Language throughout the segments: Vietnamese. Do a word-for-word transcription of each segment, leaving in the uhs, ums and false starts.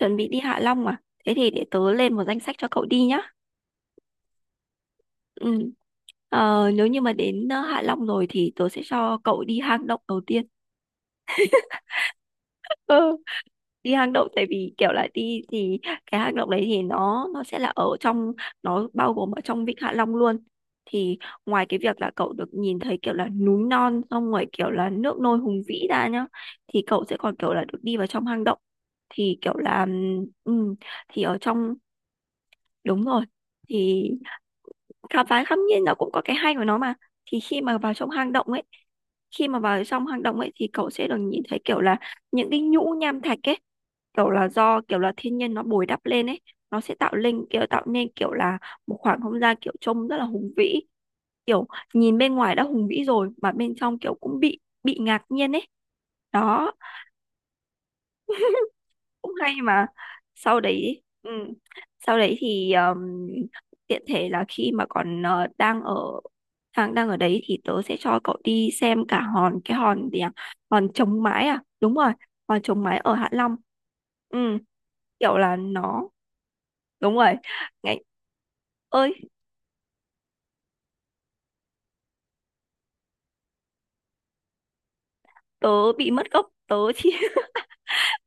Chuẩn bị đi Hạ Long à? Thế thì để tớ lên một danh sách cho cậu đi nhá. Ừ. Ờ, nếu như mà đến ờ, Hạ Long rồi thì tớ sẽ cho cậu đi hang động đầu tiên. Ừ. Đi hang động tại vì kiểu là đi thì cái hang động đấy thì nó nó sẽ là ở trong, nó bao gồm ở trong Vịnh Hạ Long luôn. Thì ngoài cái việc là cậu được nhìn thấy kiểu là núi non, xong rồi kiểu là nước nôi hùng vĩ ra nhá, thì cậu sẽ còn kiểu là được đi vào trong hang động thì kiểu là ừm, thì ở trong. Đúng rồi. Thì khám phá khắp nhiên nó cũng có cái hay của nó mà. Thì khi mà vào trong hang động ấy khi mà vào trong hang động ấy thì cậu sẽ được nhìn thấy kiểu là những cái nhũ nham thạch ấy, kiểu là do kiểu là thiên nhiên nó bồi đắp lên ấy, nó sẽ tạo lên kiểu tạo nên kiểu là một khoảng không gian kiểu trông rất là hùng vĩ, kiểu nhìn bên ngoài đã hùng vĩ rồi mà bên trong kiểu cũng bị bị ngạc nhiên ấy, đó cũng hay mà. Sau đấy. Ừ. Sau đấy thì um, tiện thể là khi mà còn ờ, đang ở đang đang ở đấy thì tớ sẽ cho cậu đi xem cả hòn cái hòn gì à? Hòn chống mái à, đúng rồi, hòn chống mái ở Hạ Long. Ừ, kiểu là nó đúng rồi. Ngày ơi, tớ bị mất gốc, tớ chỉ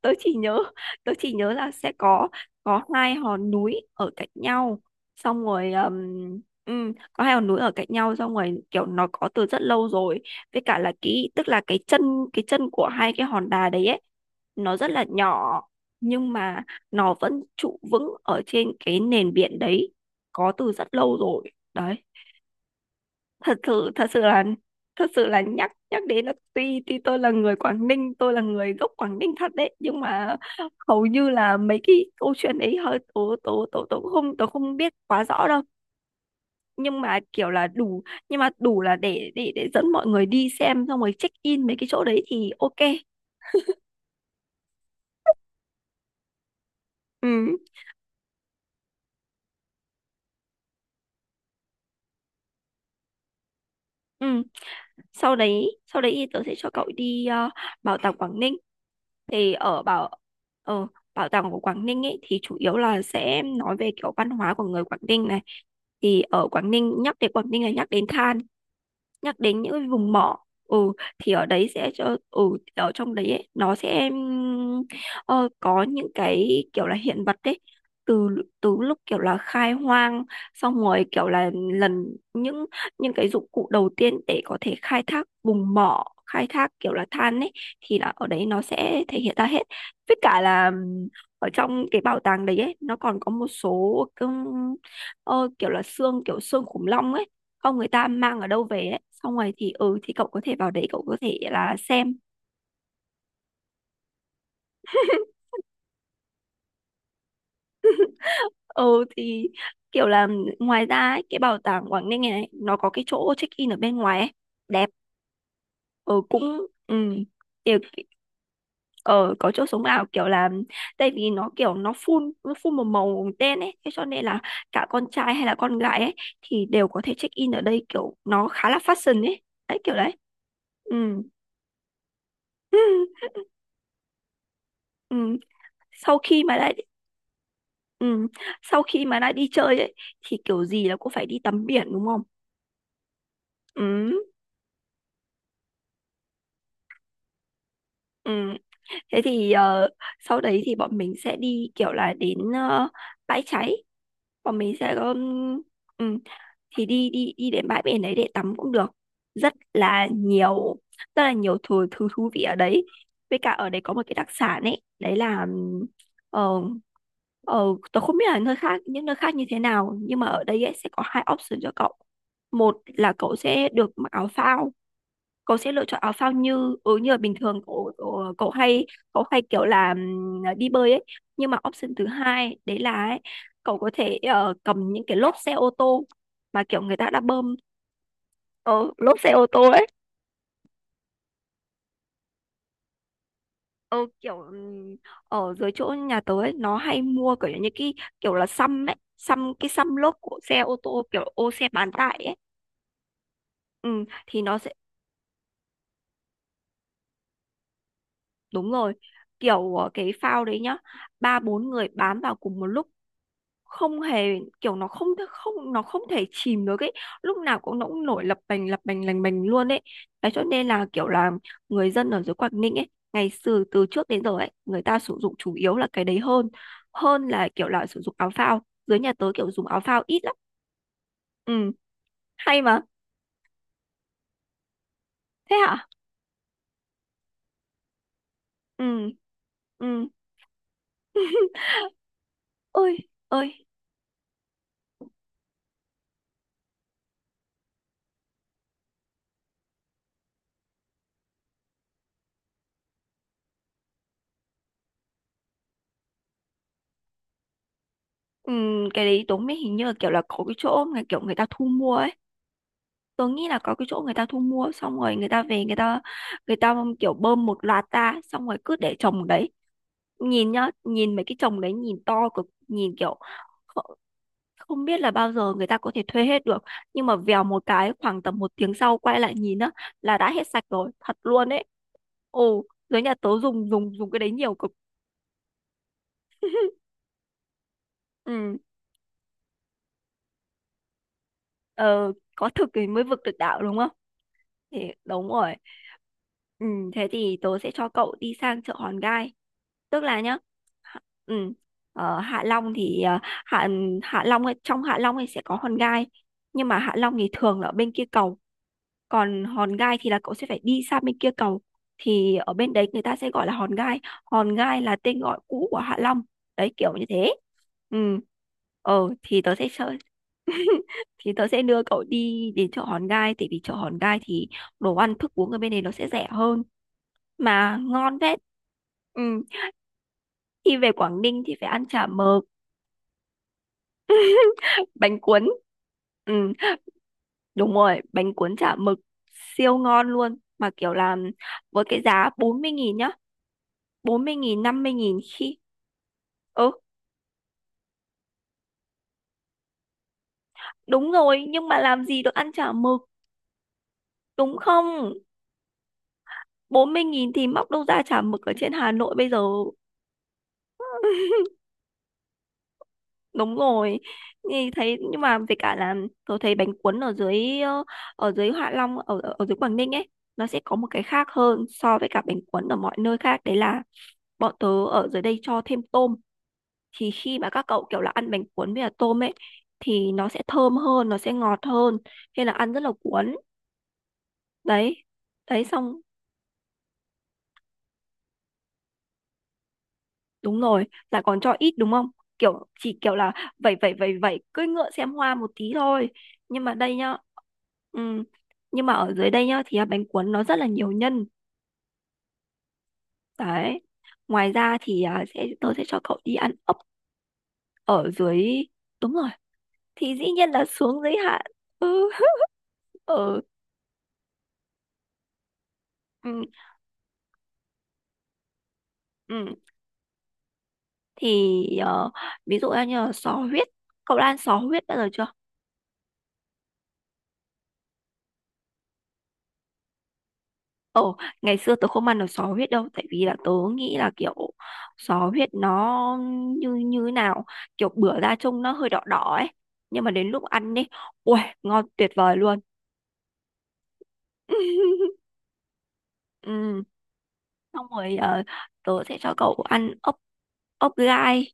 tớ chỉ nhớ tớ chỉ nhớ là sẽ có có hai hòn núi ở cạnh nhau, xong rồi ừm, ừm, có hai hòn núi ở cạnh nhau, xong rồi kiểu nó có từ rất lâu rồi. Với cả là cái tức là cái chân cái chân của hai cái hòn đá đấy ấy, nó rất là nhỏ, nhưng mà nó vẫn trụ vững ở trên cái nền biển đấy, có từ rất lâu rồi đấy. Thật sự thật sự là thật sự là nhắc nhắc đến là, tuy tuy tôi là người Quảng Ninh tôi là người gốc Quảng Ninh thật đấy, nhưng mà hầu như là mấy cái câu chuyện ấy hơi tố tố tố tố không tố không biết quá rõ đâu. nhưng mà kiểu là đủ nhưng mà đủ là để để để dẫn mọi người đi xem, xong rồi check in mấy cái chỗ đấy thì OK. Ừ ừ. sau đấy sau đấy thì tớ sẽ cho cậu đi ờ, bảo tàng Quảng Ninh. Thì ở bảo ờ, bảo tàng của Quảng Ninh ấy thì chủ yếu là sẽ nói về kiểu văn hóa của người Quảng Ninh này. Thì ở Quảng Ninh, nhắc đến Quảng Ninh là nhắc đến than, nhắc đến những cái vùng mỏ. Ừ, thì ở đấy sẽ cho. Ừ. Ở trong đấy ấy, nó sẽ ừm, ờ, có những cái kiểu là hiện vật đấy, từ từ lúc kiểu là khai hoang, xong rồi kiểu là lần những những cái dụng cụ đầu tiên để có thể khai thác vùng mỏ, khai thác kiểu là than ấy, thì là ở đấy nó sẽ thể hiện ra hết. Với cả là ừm, ở trong cái bảo tàng đấy ấy, nó còn có một số ừm, ờ, kiểu là xương kiểu xương khủng long ấy, không người ta mang ở đâu về ấy, xong rồi thì ừ, thì cậu có thể vào đấy, cậu có thể là xem. Ừ. Thì kiểu là ngoài ra ấy, cái bảo tàng Quảng Ninh này, này nó có cái chỗ check in ở bên ngoài ấy, đẹp. Ừ, cũng. Ừ. Kiểu ờ có chỗ sống ảo kiểu là, tại vì nó kiểu nó phun nó phun một màu đen ấy, thế cho nên là cả con trai hay là con gái ấy thì đều có thể check in ở đây, kiểu nó khá là fashion ấy, đấy kiểu đấy. Ừ. Ừ. sau khi mà đã Ừ. Sau khi mà đã đi chơi ấy thì kiểu gì là cũng phải đi tắm biển, đúng không? Ừ. Ừ. Thế thì ờ, sau đấy thì bọn mình sẽ đi kiểu là đến ờ, bãi cháy, bọn mình sẽ um, thì đi đi đi đến bãi biển đấy để tắm cũng được, rất là nhiều rất là nhiều thứ thứ thú vị ở đấy. Với cả ở đấy có một cái đặc sản ấy, đấy là ừm, ờ, ờ, tôi không biết là nơi khác những nơi khác như thế nào, nhưng mà ở đây ấy, sẽ có hai option cho cậu. Một là cậu sẽ được mặc áo phao, cậu sẽ lựa chọn áo phao như ừ, như là bình thường cậu, cậu cậu hay cậu hay kiểu là ừm, đi bơi ấy. Nhưng mà option thứ hai đấy là ấy, cậu có thể ờ, cầm những cái lốp xe ô tô mà kiểu người ta đã bơm. ờ, Lốp xe ô tô ấy, ờ, kiểu ừm, ở dưới chỗ nhà tớ ấy, nó hay mua kiểu như cái kiểu là xăm ấy, xăm cái xăm lốp của xe ô tô kiểu ô xe bán tải ấy. Ừ, thì nó sẽ. Đúng rồi. Kiểu ờ, cái phao đấy nhá, ba bốn người bám vào cùng một lúc, không hề, kiểu nó không không nó không thể chìm được ấy. Lúc nào cũng nó cũng nổi lập bành lập bành lành bành luôn ấy. Thế cho nên là kiểu là người dân ở dưới Quảng Ninh ấy, ngày xưa từ trước đến giờ ấy, người ta sử dụng chủ yếu là cái đấy hơn, hơn là kiểu là sử dụng áo phao. Dưới nhà tớ kiểu dùng áo phao ít lắm. Ừ, hay mà. Thế hả? Ừ. Ừ. Ôi, ơi. Ừ, cái đấy tớ mới, hình như là kiểu là có cái chỗ mà kiểu người ta thu mua ấy. Tớ nghĩ là có cái chỗ người ta thu mua, xong rồi người ta về, người ta người ta kiểu bơm một loạt ra, xong rồi cứ để trồng đấy. Nhìn nhá, nhìn mấy cái trồng đấy nhìn to cực, nhìn kiểu kh- không biết là bao giờ người ta có thể thuê hết được. Nhưng mà vèo một cái, khoảng tầm một tiếng sau quay lại nhìn á là đã hết sạch rồi, thật luôn đấy. Ồ, dưới nhà tớ dùng dùng dùng cái đấy nhiều cực. Ừ. ờ, có thực thì mới vực được đạo, đúng không? Thì đúng rồi. Ừ, thế thì tớ sẽ cho cậu đi sang chợ Hòn Gai. Tức là nhá, Hạ- ừ, ở Hạ Long thì ờ, Hạ ừ, Hạ Long ấy, trong Hạ Long thì sẽ có Hòn Gai. Nhưng mà Hạ Long thì thường là ở bên kia cầu, còn Hòn Gai thì là cậu sẽ phải đi sang bên kia cầu. Thì ở bên đấy người ta sẽ gọi là Hòn Gai. Hòn Gai là tên gọi cũ của Hạ Long, đấy kiểu như thế. Ừ. ờ thì tớ sẽ chơi. Thì tớ sẽ đưa cậu đi đến chợ Hòn Gai, tại vì chợ Hòn Gai thì đồ ăn thức uống ở bên này nó sẽ rẻ hơn mà ngon phết. Ừ, khi về Quảng Ninh thì phải ăn chả mực, bánh cuốn. Ừ, đúng rồi, bánh cuốn chả mực siêu ngon luôn. Mà kiểu làm với cái giá bốn mươi nghìn nhá. Bốn mươi nghìn, năm mươi nghìn khi... Ừ, đúng rồi, nhưng mà làm gì được ăn chả mực, đúng không? Bốn mươi nghìn thì móc đâu ra chả mực ở trên Hà Nội bây giờ. Đúng rồi. Thì thấy Nhưng mà về cả là tôi thấy bánh cuốn ở dưới ờ, ở dưới Hạ Long, ở ở ở dưới Quảng Ninh ấy, nó sẽ có một cái khác hơn so với cả bánh cuốn ở mọi nơi khác, đấy là bọn tớ ở dưới đây cho thêm tôm. Thì khi mà các cậu kiểu là ăn bánh cuốn với cả tôm ấy thì nó sẽ thơm hơn, nó sẽ ngọt hơn, nên là ăn rất là cuốn. Đấy. Đấy xong. Đúng rồi, lại còn cho ít đúng không? Kiểu chỉ kiểu là vẩy vẩy vẩy vẩy, cưỡi ngựa xem hoa một tí thôi. Nhưng mà đây nhá, ừm, nhưng mà ở dưới đây nhá thì à, bánh cuốn nó rất là nhiều nhân. Đấy. Ngoài ra thì à, sẽ tôi sẽ cho cậu đi ăn ốc ở dưới. Đúng rồi, thì dĩ nhiên là xuống dưới hạn. Ừ. ừ ừ ừ thì ờ, ví dụ như là sò huyết. Cậu đã ăn sò huyết bao giờ chưa? Ồ, ngày xưa tớ không ăn được sò huyết đâu, tại vì là tớ nghĩ là kiểu sò huyết nó như như thế nào, kiểu bữa ra trông nó hơi đỏ đỏ ấy, nhưng mà đến lúc ăn đi, ui, ngon tuyệt vời luôn. Ừ, xong rồi ờ, tớ sẽ cho cậu ăn ốc ốc gai,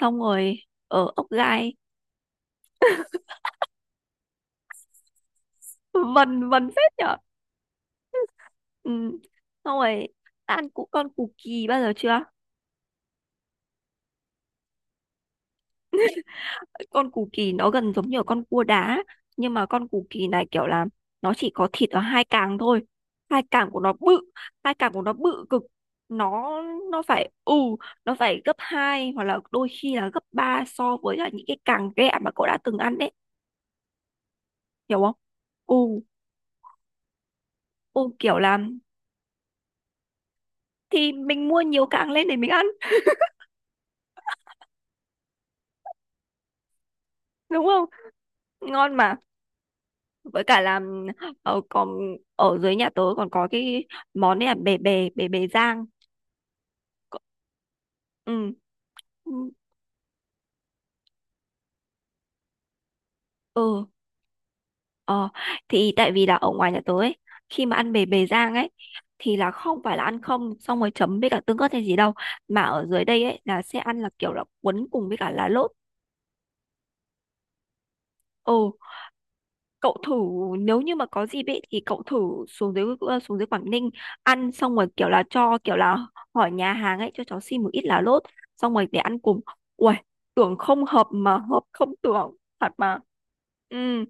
xong rồi ở ốc gai vần vần phết nhở. Ừ, xong rồi đã ăn củ con củ kỳ bao giờ chưa? Con cù kỳ nó gần giống như ở con cua đá, nhưng mà con cù kỳ này kiểu là nó chỉ có thịt ở hai càng thôi. Hai càng của nó bự, hai càng của nó bự cực. Nó nó phải, ừ, nó phải gấp hai hoặc là đôi khi là gấp ba so với là những cái càng ghẹ mà cậu đã từng ăn đấy, hiểu không? Ừ, ừ, kiểu là thì mình mua nhiều càng lên để mình ăn, đúng không? Ngon mà. Với cả là ở còn ở dưới nhà tớ còn có cái món này là bề bề bề bề rang ừ Ừ, ờ, thì tại vì là ở ngoài nhà tớ ấy, khi mà ăn bề bề rang ấy, thì là không phải là ăn không xong rồi chấm với cả tương ớt hay gì đâu, mà ở dưới đây ấy là sẽ ăn là kiểu là cuốn cùng với cả lá lốt. Ừ, cậu thử, nếu như mà có dịp ấy thì cậu thử xuống dưới ờ, xuống dưới Quảng Ninh, ăn xong rồi kiểu là cho kiểu là hỏi nhà hàng ấy cho cháu xin một ít lá lốt xong rồi để ăn cùng. Uầy, tưởng không hợp mà hợp không tưởng, thật mà. Ừ.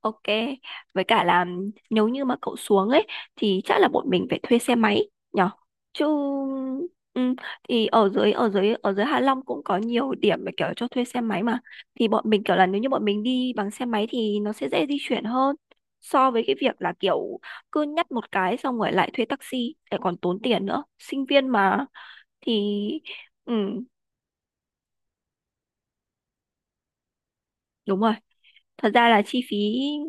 Ok, với cả là nếu như mà cậu xuống ấy thì chắc là bọn mình phải thuê xe máy nhở. Chứ ừ, thì ở dưới ở dưới ở dưới Hạ Long cũng có nhiều điểm mà kiểu cho thuê xe máy mà. Thì bọn mình kiểu là nếu như bọn mình đi bằng xe máy thì nó sẽ dễ di chuyển hơn so với cái việc là kiểu cứ nhắt một cái xong rồi lại thuê taxi lại còn tốn tiền nữa. Sinh viên mà, thì ừ, đúng rồi. Thật ra là chi phí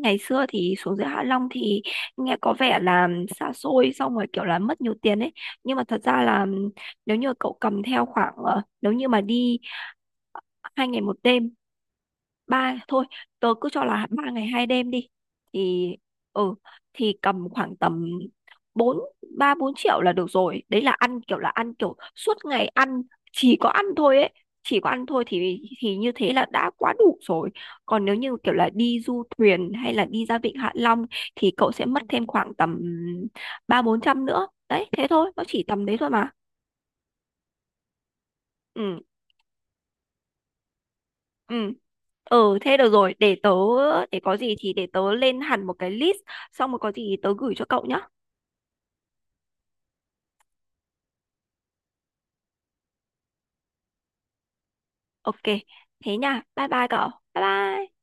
ngày xưa thì xuống dưới Hạ Long thì nghe có vẻ là xa xôi xong rồi kiểu là mất nhiều tiền ấy. Nhưng mà thật ra là nếu như cậu cầm theo khoảng ờ, nếu như mà đi hai ngày một đêm, ba thôi tớ cứ cho là ba ngày hai đêm đi, thì ừ thì cầm khoảng tầm bốn ba bốn triệu là được rồi, đấy là ăn kiểu là ăn kiểu suốt ngày ăn, chỉ có ăn thôi ấy, chỉ có ăn thôi thì thì như thế là đã quá đủ rồi. Còn nếu như kiểu là đi du thuyền hay là đi ra vịnh Hạ Long thì cậu sẽ mất thêm khoảng tầm ba bốn trăm nữa đấy, thế thôi, nó chỉ tầm đấy thôi mà. Ừ, ừ, ừ, thế được rồi, để tớ, để có gì thì để tớ lên hẳn một cái list xong rồi có gì tớ gửi cho cậu nhá. Ok, thế nha. Bye bye cậu. Bye bye.